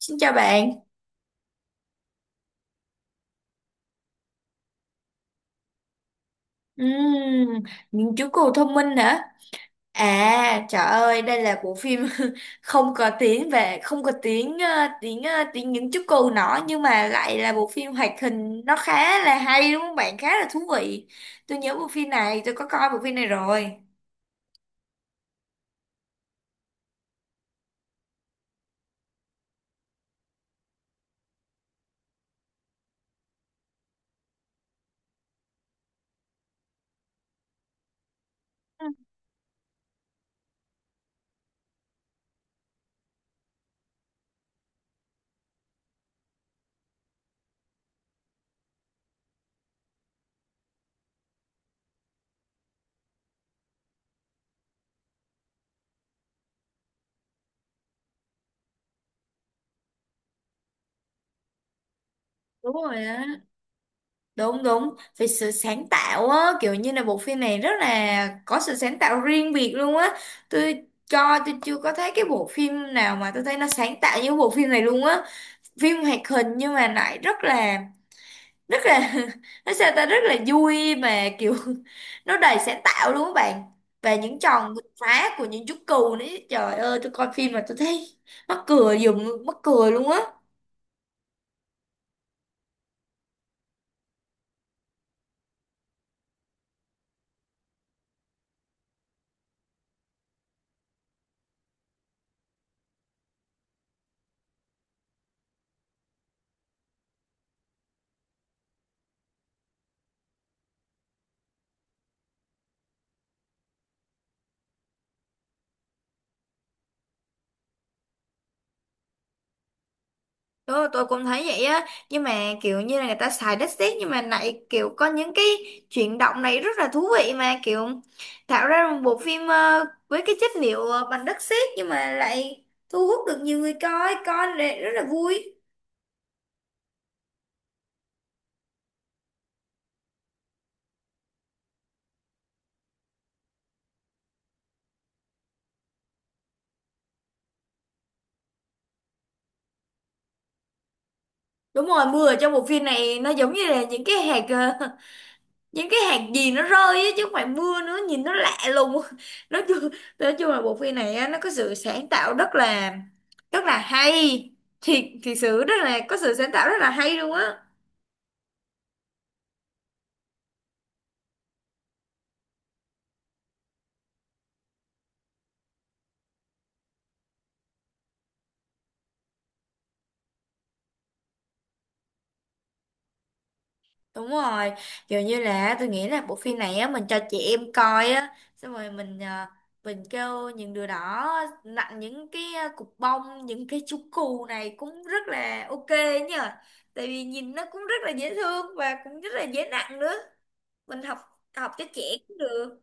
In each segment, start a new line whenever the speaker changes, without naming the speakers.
Xin chào bạn. Ừm, những chú cừu thông minh hả? À, trời ơi, đây là bộ phim không có tiếng về không có tiếng tiếng tiếng những chú cừu nọ nhưng mà lại là bộ phim hoạt hình nó khá là hay đúng không bạn? Khá là thú vị. Tôi nhớ bộ phim này, tôi có coi bộ phim này rồi. Đúng rồi á. Đúng đúng, về sự sáng tạo á, kiểu như là bộ phim này rất là có sự sáng tạo riêng biệt luôn á. Tôi chưa có thấy cái bộ phim nào mà tôi thấy nó sáng tạo như bộ phim này luôn á, phim hoạt hình nhưng mà lại rất là nó sao ta rất là vui mà kiểu nó đầy sáng tạo luôn các bạn. Và những tròn vượt phá của những chú cừu đấy, trời ơi, tôi coi phim mà tôi thấy mắc cười dùm mắc cười luôn á. Tôi cũng thấy vậy á, nhưng mà kiểu như là người ta xài đất sét nhưng mà lại kiểu có những cái chuyển động này rất là thú vị, mà kiểu tạo ra một bộ phim với cái chất liệu bằng đất sét nhưng mà lại thu hút được nhiều người coi, coi lại rất là vui. Đúng rồi, mưa ở trong bộ phim này nó giống như là những cái hạt ờ, những cái hạt gì nó rơi á chứ không phải mưa nữa, nhìn nó lạ lùng. Nói chung nói chung là bộ phim này á, nó có sự sáng tạo rất là hay. Thiệt thiệt sự rất là có sự sáng tạo rất là hay luôn á. Đúng rồi, kiểu như là tôi nghĩ là bộ phim này á mình cho chị em coi á, xong rồi mình mình kêu những đứa đó nặn những cái cục bông, những cái chú cù này cũng rất là ok nhờ. Tại vì nhìn nó cũng rất là dễ thương và cũng rất là dễ nặng nữa. Mình học học cho trẻ cũng được.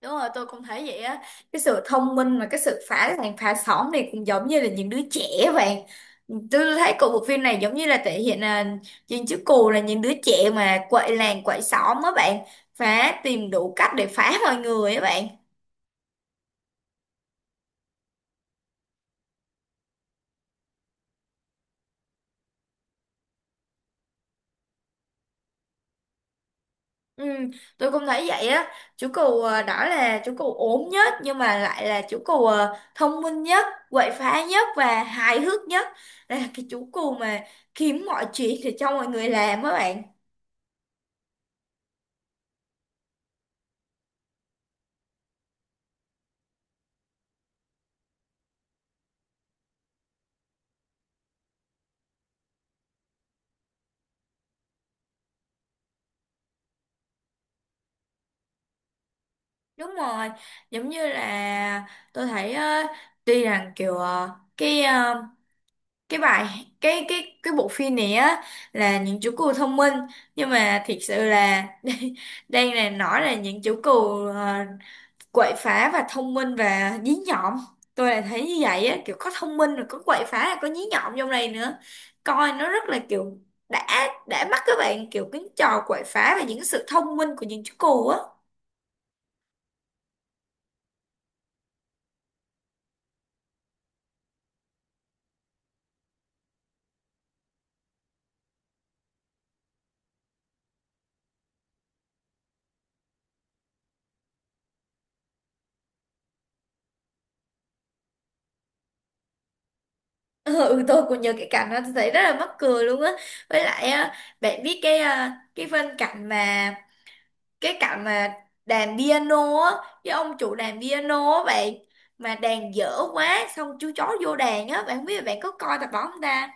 Đúng rồi, tôi cũng thấy vậy á. Cái sự thông minh và cái sự phá làng phá xóm này cũng giống như là những đứa trẻ vậy. Tôi thấy của bộ phim này giống như là thể hiện là những chữ cù là những đứa trẻ mà quậy làng quậy xóm á bạn. Phá tìm đủ cách để phá mọi người á bạn. Ừ, tôi cũng thấy vậy á. Chú cù à, đó là chú cù ốm nhất nhưng mà lại là chú cù à, thông minh nhất, quậy phá nhất và hài hước nhất. Đây là cái chú cù mà kiếm mọi chuyện để cho mọi người làm á bạn. Đúng rồi, giống như là tôi thấy tuy rằng kiểu cái ờ, cái bài cái bộ phim này á là những chú cừu thông minh, nhưng mà thiệt sự là đây, đây là nói là những chú cừu quậy phá và thông minh và dí nhọn. Tôi là thấy như vậy á, kiểu có thông minh rồi có quậy phá rồi có dí nhọn trong này nữa. Coi nó rất là kiểu đã mắt các bạn, kiểu cái trò quậy phá và những sự thông minh của những chú cừu á. Ờ, Ừ, tôi cũng nhớ cái cảnh đó, tôi thấy rất là mắc cười luôn á. Với lại á, bạn biết cái à, cái phân cảnh mà cái cảnh mà đàn piano á, cái ông chủ đàn piano á bạn, mà đàn dở quá xong chú chó vô đàn á bạn, không biết là bạn có coi tập đó không ta?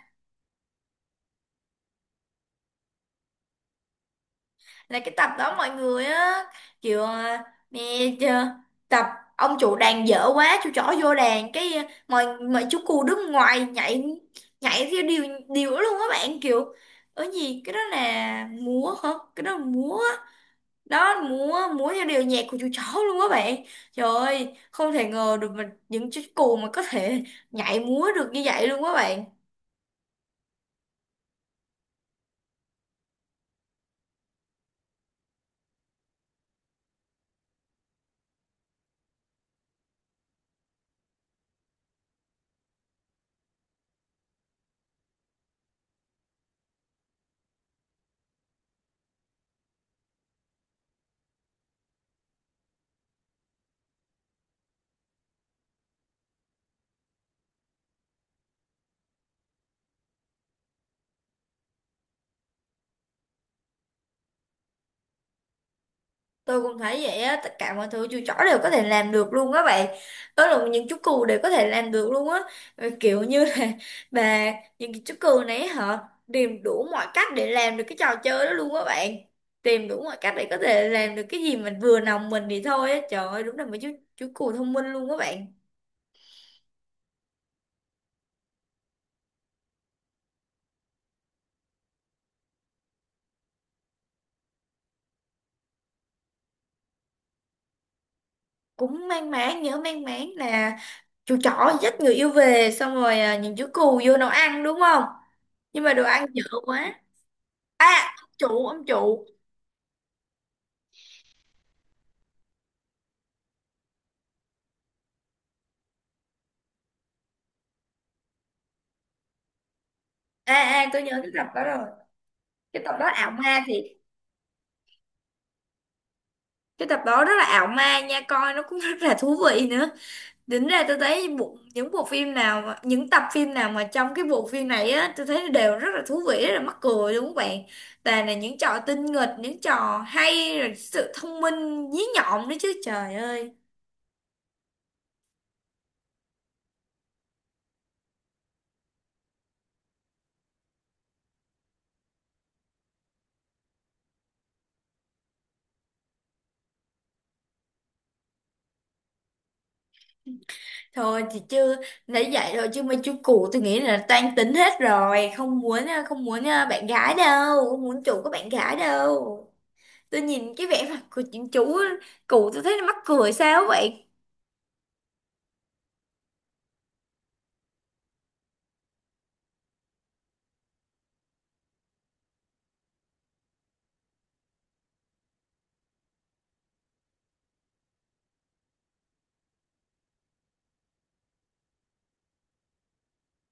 Là cái tập đó mọi người á kiểu à, mẹ chưa tập ông chủ đàn dở quá chú chó vô đàn cái à, mọi mọi chú cù đứng ngoài nhảy, nhảy theo điều điều luôn á bạn, kiểu ở gì cái đó là múa hả, cái đó là múa đó, múa múa theo điệu nhạc của chú chó luôn á bạn. Trời ơi, không thể ngờ được mà những chú cù mà có thể nhảy múa được như vậy luôn á bạn. Tôi cũng thấy vậy á, tất cả mọi thứ chú chó đều có thể làm được luôn á bạn. Đó là những chú cừu đều có thể làm được luôn á. Ờ, kiểu như là bà những cái chú cừu này họ tìm đủ mọi cách để làm được cái trò chơi đó luôn á bạn. Tìm đủ mọi cách để có thể làm được cái gì mình vừa lòng mình thì thôi á. Trời ơi, đúng là mấy chú cừu thông minh luôn á bạn. Cũng mang máng nhớ mang máng là chú chó dắt người yêu về xong rồi à, những chú cừu vô nấu ăn đúng không? Nhưng mà đồ ăn dở quá. À, ông chủ. Ê ê tôi nhớ cái tập đó rồi, cái tập đó ảo ma thì cái tập đó rất là ảo ma nha, coi nó cũng rất là thú vị nữa. Tính ra tôi thấy những bộ phim nào mà, những tập phim nào mà trong cái bộ phim này á, tôi thấy đều rất là thú vị rất là mắc cười đúng không bạn? Toàn là những trò tinh nghịch những trò hay rồi sự thông minh dí nhọn nữa chứ, trời ơi. Thôi thì chưa nãy dạy rồi chứ mấy chú cụ tôi nghĩ là toan tính hết rồi, không muốn à, bạn gái đâu, không muốn chủ có bạn gái đâu. Tôi nhìn cái vẻ mặt của những chú cụ tôi thấy nó mắc cười sao vậy.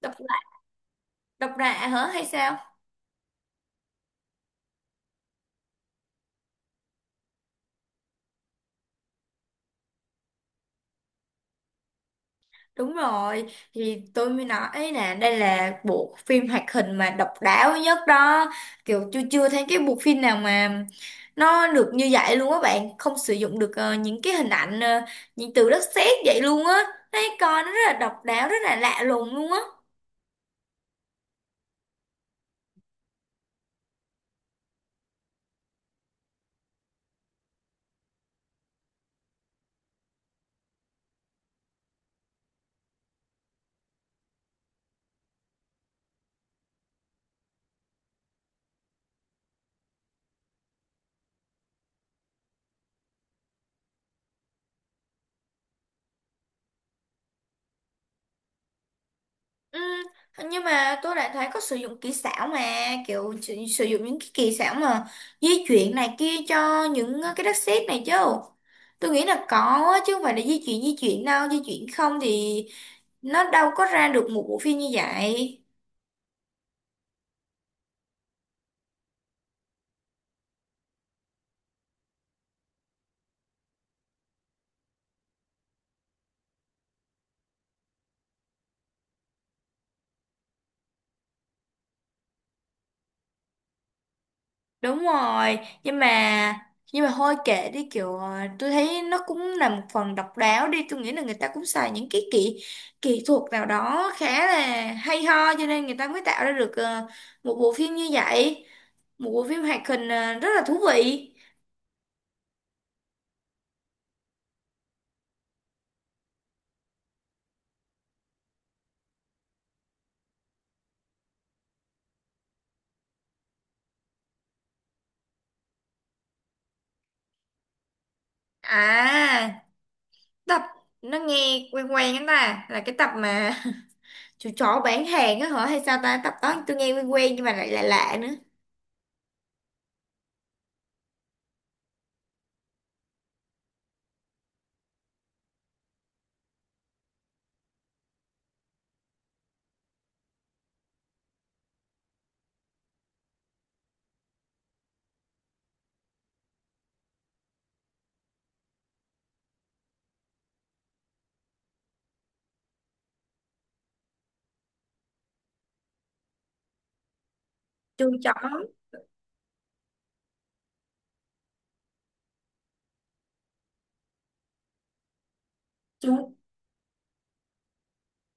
Độc lạ độc lạ hả hay sao? Đúng rồi, thì tôi mới nói là đây là bộ phim hoạt hình mà độc đáo nhất đó, kiểu chưa chưa thấy cái bộ phim nào mà nó được như vậy luôn á bạn, không sử dụng được những cái hình ảnh những từ đất sét vậy luôn á. Thấy coi nó rất là độc đáo rất là lạ lùng luôn á. Ừ, nhưng mà tôi lại thấy có sử dụng kỹ xảo mà, kiểu sử dụng những cái kỹ xảo mà di chuyển này kia cho những cái đất sét này chứ, tôi nghĩ là có á, chứ không phải là di chuyển đâu, di chuyển không thì nó đâu có ra được một bộ phim như vậy. Đúng rồi, nhưng mà thôi kệ đi, kiểu tôi thấy nó cũng là một phần độc đáo đi, tôi nghĩ là người ta cũng xài những cái kỹ kỹ thuật nào đó khá là hay ho cho nên người ta mới tạo ra được một bộ phim như vậy, một bộ phim hoạt hình à, rất là thú vị. À tập nó nghe quen quen, anh ta là cái tập mà chú chó bán hàng á hả hay sao ta? Tập đó tôi nghe quen quen nhưng mà lại lạ lạ nữa. chú chó chú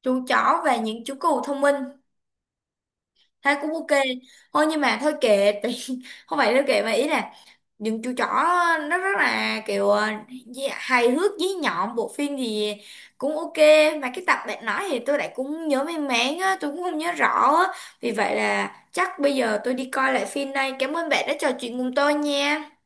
chú chó và những chú cừu thông minh thấy cũng ok. Thôi nhưng mà thôi kệ tại không phải đâu kệ mà ý là những chú chó nó rất là kiểu hài hước dí nhọn, bộ phim thì cũng ok. Mà cái tập bạn nói thì tôi lại cũng nhớ mang máng á, tôi cũng không nhớ rõ á. Vì vậy là chắc bây giờ tôi đi coi lại phim đây, cảm ơn bạn đã trò chuyện cùng tôi nha.